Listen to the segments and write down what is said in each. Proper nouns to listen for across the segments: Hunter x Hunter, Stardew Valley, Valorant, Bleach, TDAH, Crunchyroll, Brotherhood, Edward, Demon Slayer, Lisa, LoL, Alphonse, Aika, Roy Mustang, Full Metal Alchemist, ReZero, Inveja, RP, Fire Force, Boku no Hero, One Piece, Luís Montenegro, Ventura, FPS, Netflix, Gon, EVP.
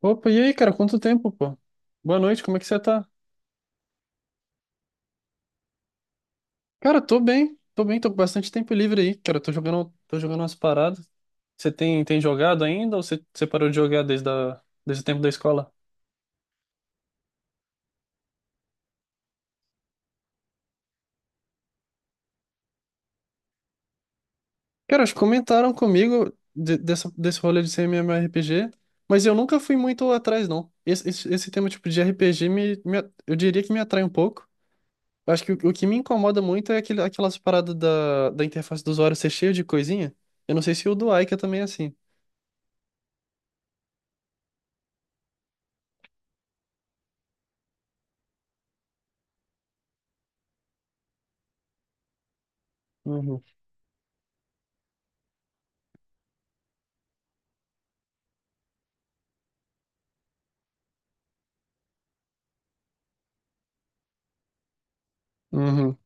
Opa, e aí, cara? Quanto tempo, pô? Boa noite, como é que você tá? Cara, tô bem, tô bem, tô com bastante tempo livre aí, cara. Tô jogando umas paradas. Você tem jogado ainda ou você parou de jogar desde o tempo da escola? Cara, acho que comentaram comigo desse rolê de ser MMORPG, mas eu nunca fui muito atrás, não. Esse tema tipo de RPG eu diria que me atrai um pouco. Eu acho que o que me incomoda muito é aquelas paradas da interface do usuário ser cheio de coisinha. Eu não sei se o do Aika também é assim. Uhum. Uhum.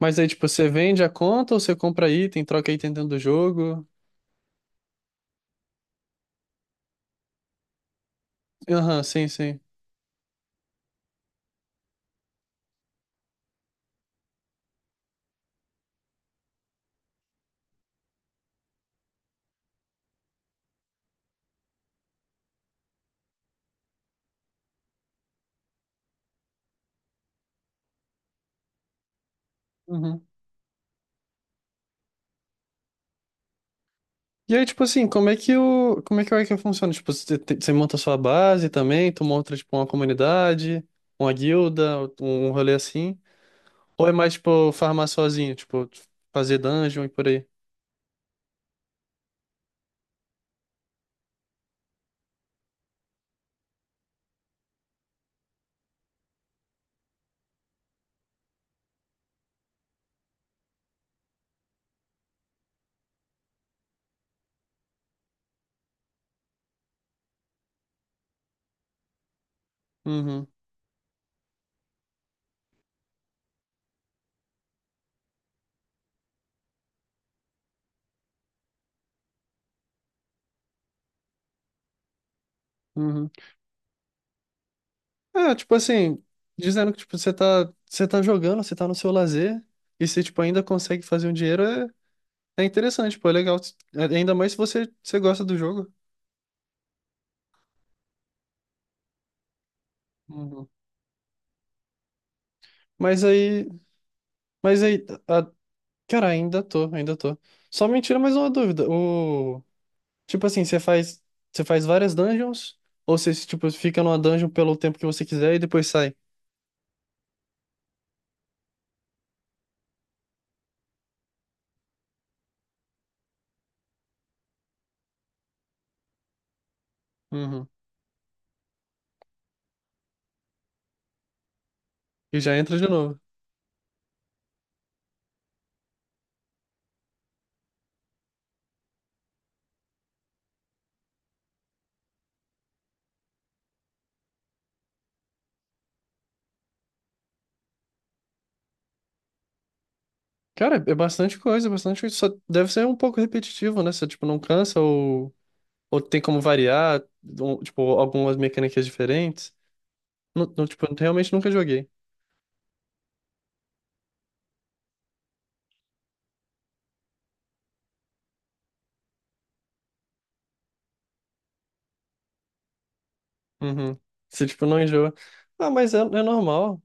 Mas aí, tipo, você vende a conta ou você compra item, troca item dentro do jogo? Aham, sim, sim. Uhum. E aí, tipo assim, como é que como é que o Ica funciona? Tipo, você monta a sua base também, tu monta, tipo, uma comunidade, uma guilda, um rolê assim? Ou é mais, tipo, farmar sozinho, tipo, fazer dungeon e por aí? Uhum, uhum. É, tipo assim, dizendo que, tipo, você tá jogando, você tá no seu lazer, e você, tipo, ainda consegue fazer um dinheiro, é é interessante, pô, é legal. É, ainda mais se você gosta do jogo. Uhum. Mas aí. Mas aí, cara, ainda tô, ainda tô. Só me tira mais uma dúvida. O. Tipo assim, você faz. Você faz várias dungeons? Ou você, tipo, fica numa dungeon pelo tempo que você quiser e depois sai? Uhum. E já entra de novo. Cara, é bastante coisa, é bastante coisa. Só deve ser um pouco repetitivo, né? Você, tipo, não cansa ou tem como variar, ou, tipo, algumas mecânicas diferentes. Não, não, tipo, realmente nunca joguei. Uhum. Você, tipo, não enjoa. Ah, mas é, é normal.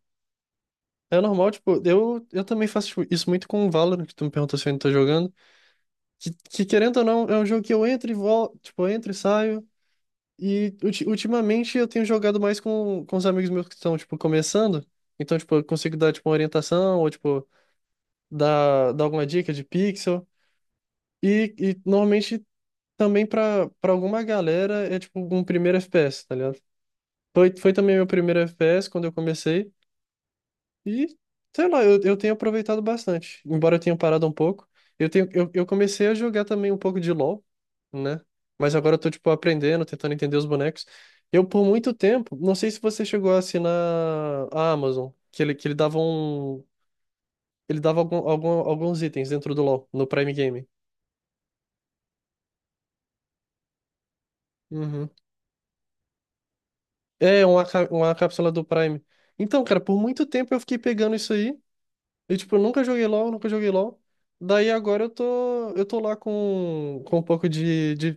É normal, tipo, eu também faço tipo, isso muito com o Valorant, que tu me perguntou se eu ainda tô jogando. Que querendo ou não, é um jogo que eu entro e volto, tipo, eu entro e saio. E ultimamente eu tenho jogado mais com os amigos meus que estão, tipo, começando. Então, tipo, eu consigo dar, tipo, uma orientação ou, tipo, dar alguma dica de pixel. E normalmente também pra alguma galera é, tipo, um primeiro FPS, tá ligado? Foi, foi também meu primeiro FPS quando eu comecei. E, sei lá, eu tenho aproveitado bastante. Embora eu tenha parado um pouco, eu tenho, eu comecei a jogar também um pouco de LoL, né? Mas agora eu tô, tipo, aprendendo, tentando entender os bonecos. Eu, por muito tempo, não sei se você chegou a assinar a Amazon, que ele dava um… Ele dava alguns itens dentro do LoL, no Prime Game. Uhum. É, uma cápsula do Prime. Então, cara, por muito tempo eu fiquei pegando isso aí. E, tipo, eu nunca joguei LoL, nunca joguei LoL. Daí agora eu tô lá com um pouco de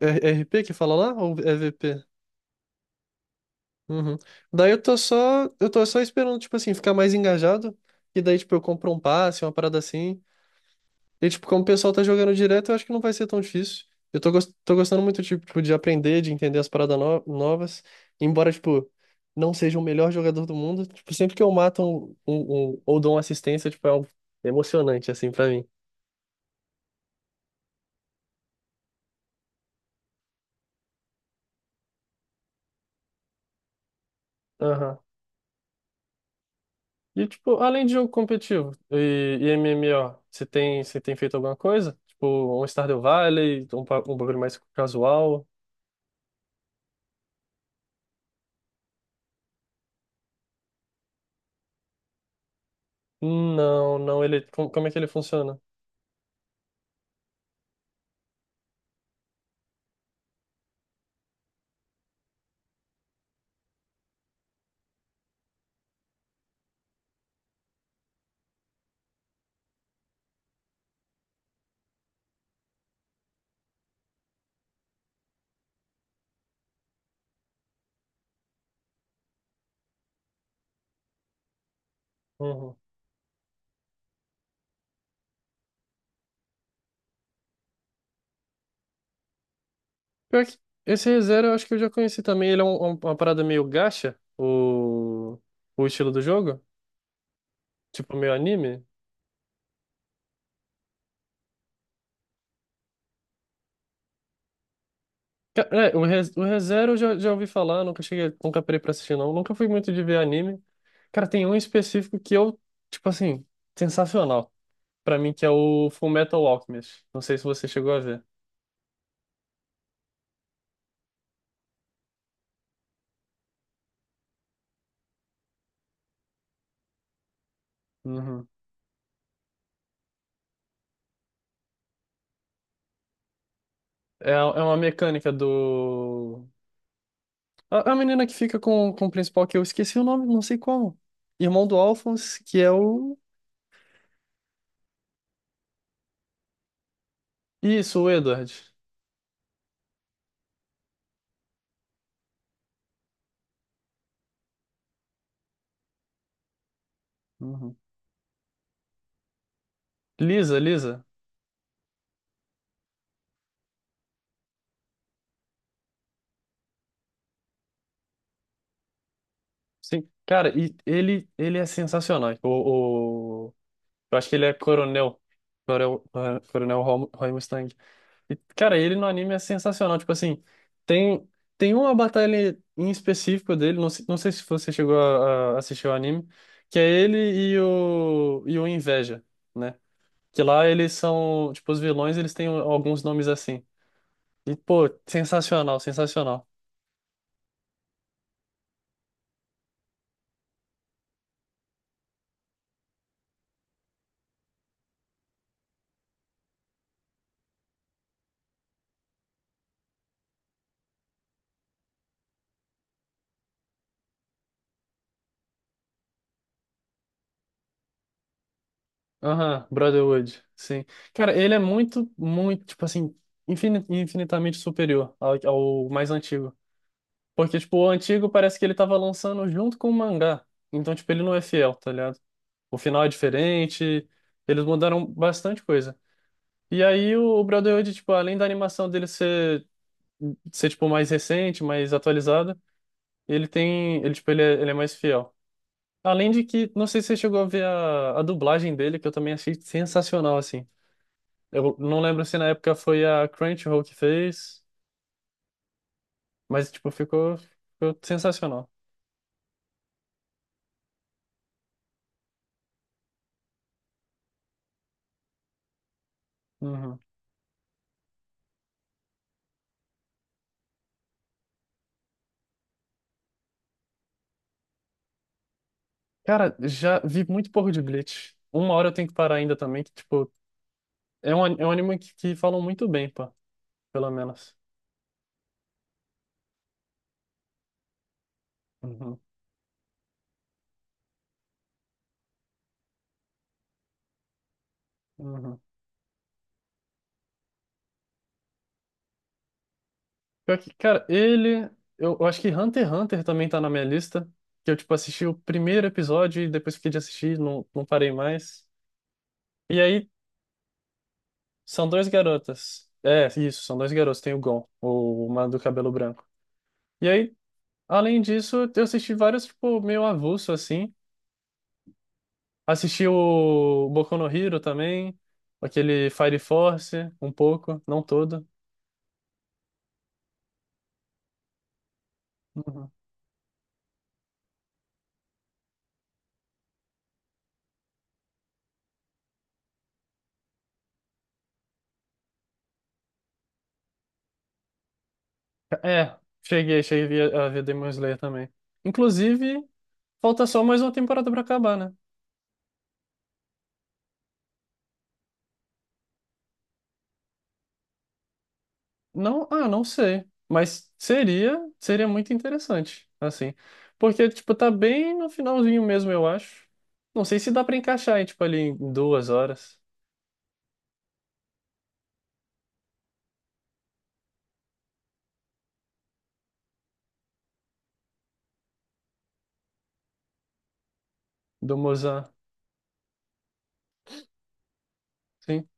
RP que fala lá, ou EVP? Uhum. Daí eu tô só esperando, tipo assim, ficar mais engajado. E daí, tipo, eu compro um passe, uma parada assim. E, tipo, como o pessoal tá jogando direto, eu acho que não vai ser tão difícil. Eu tô, tô gostando muito, tipo, de aprender, de entender as paradas novas. Embora, tipo, não seja o melhor jogador do mundo. Tipo, sempre que eu mato ou dou uma assistência, tipo, é é emocionante, assim, pra mim. Aham. E, tipo, além de jogo competitivo e m m o você tem feito alguma coisa? Tipo, um Stardew Valley, um bagulho mais casual? Não, não, ele, como é que ele funciona? Uhum. Pior que esse ReZero eu acho que eu já conheci também, ele é uma parada meio gacha, o estilo do jogo, tipo meio anime. É, o ReZero eu já, já ouvi falar, nunca cheguei, nunca parei pra assistir não, nunca fui muito de ver anime. Cara, tem um específico que eu, tipo assim, sensacional. Pra mim, que é o Full Metal Alchemist. Não sei se você chegou a ver. Uhum. É, é uma mecânica do. A menina que fica com o principal, que eu esqueci o nome, não sei como. Irmão do Alphonse, que é o. Isso, o Edward. Uhum. Lisa, Lisa. Sim. Cara, e ele é sensacional. Eu acho que ele é coronel. Coronel, coronel Roy Mustang. E, cara, ele no anime é sensacional. Tipo assim, tem, tem uma batalha em específico dele, não, não sei se você chegou a assistir o anime, que é ele e o Inveja, né? Que lá eles são, tipo, os vilões, eles têm alguns nomes assim. E, pô, sensacional, sensacional. Aham, Brotherhood, sim. Cara, ele é muito, muito, tipo assim, infinitamente superior ao, ao mais antigo. Porque, tipo, o antigo parece que ele tava lançando junto com o mangá. Então, tipo, ele não é fiel, tá ligado? O final é diferente, eles mudaram bastante coisa. E aí o Brotherhood, tipo, além da animação dele ser, ser tipo, mais recente, mais atualizada, ele tem. Ele é mais fiel. Além de que, não sei se você chegou a ver a dublagem dele, que eu também achei sensacional, assim. Eu não lembro se na época foi a Crunchyroll que fez, mas, tipo, ficou, ficou sensacional. Uhum. Cara, já vi muito pouco de Bleach. Uma hora eu tenho que parar ainda também, que, tipo, é é um anime que falam muito bem, pá, pelo menos. Uhum, uhum. Pior que, cara, ele. Eu acho que Hunter x Hunter também tá na minha lista. Que eu, tipo, assisti o primeiro episódio e depois fiquei de assistir, não, não parei mais. E aí, são dois garotas. É, isso, são dois garotos. Tem o Gon, o mano do cabelo branco. E aí, além disso, eu assisti vários, tipo, meio avulso, assim. Assisti o Boku no Hero também, aquele Fire Force, um pouco, não todo. Uhum. É, cheguei, cheguei a ver Demon Slayer também. Inclusive, falta só mais uma temporada pra acabar, né? Não, ah, não sei, mas seria, seria muito interessante, assim. Porque, tipo, tá bem no finalzinho mesmo, eu acho. Não sei se dá pra encaixar, hein, tipo, ali em duas horas do Mozart, sim.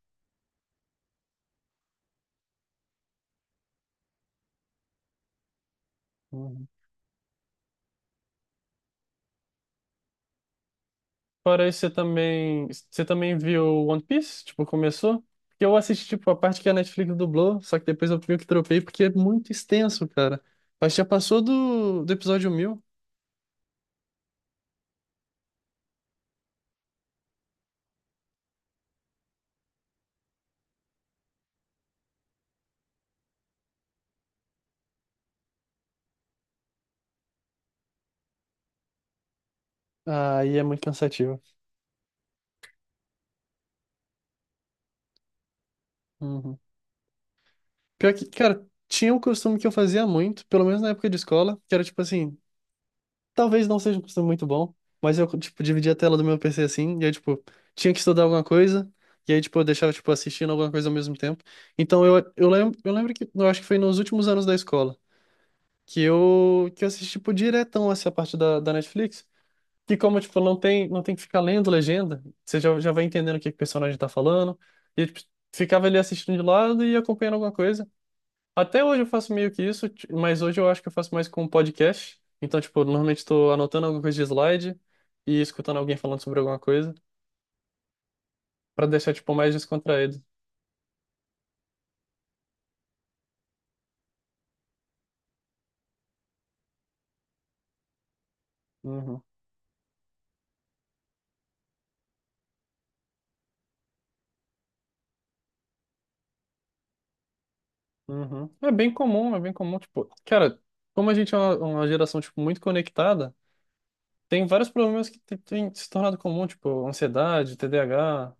Fora isso, você também viu One Piece? Tipo, começou? Porque eu assisti, tipo, a parte que a Netflix dublou, só que depois eu meio que tropei porque é muito extenso, cara. Mas já passou do episódio 1000. Aí é muito cansativo. Uhum. Pior que, cara, tinha um costume que eu fazia muito, pelo menos na época de escola, que era tipo assim, talvez não seja um costume muito bom, mas eu, tipo, dividia a tela do meu PC assim, e aí, tipo, tinha que estudar alguma coisa, e aí, tipo, eu deixava, tipo, assistindo alguma coisa ao mesmo tempo. Então, eu, eu lembro que, eu acho que foi nos últimos anos da escola, que eu assisti, tipo, diretão essa parte da Netflix, que como, tipo, não tem, não tem que ficar lendo legenda, você já, já vai entendendo que o personagem tá falando, e, tipo, ficava ali assistindo de lado e acompanhando alguma coisa, até hoje eu faço meio que isso, mas hoje eu acho que eu faço mais com podcast. Então, tipo, normalmente estou anotando alguma coisa de slide e escutando alguém falando sobre alguma coisa para deixar, tipo, mais descontraído. Uhum, uhum. É bem comum, tipo, cara, como a gente é uma geração, tipo, muito conectada, tem vários problemas têm se tornado comum, tipo, ansiedade, TDAH.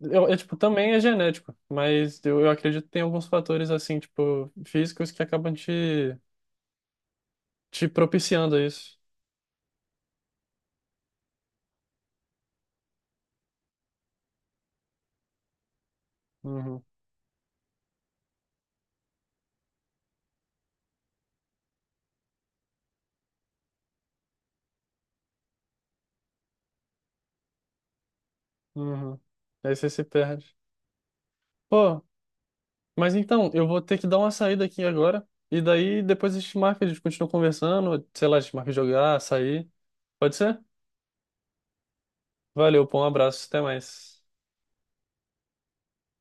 Eu, é, tipo, também é genético, mas eu acredito que tem alguns fatores, assim, tipo, físicos que acabam te, te propiciando a isso. Uhum. Uhum. Aí você se perde. Pô, mas então, eu vou ter que dar uma saída aqui agora. E daí depois a gente marca, a gente continua conversando. Sei lá, a gente marca jogar, sair. Pode ser? Valeu, pô, um abraço, até mais.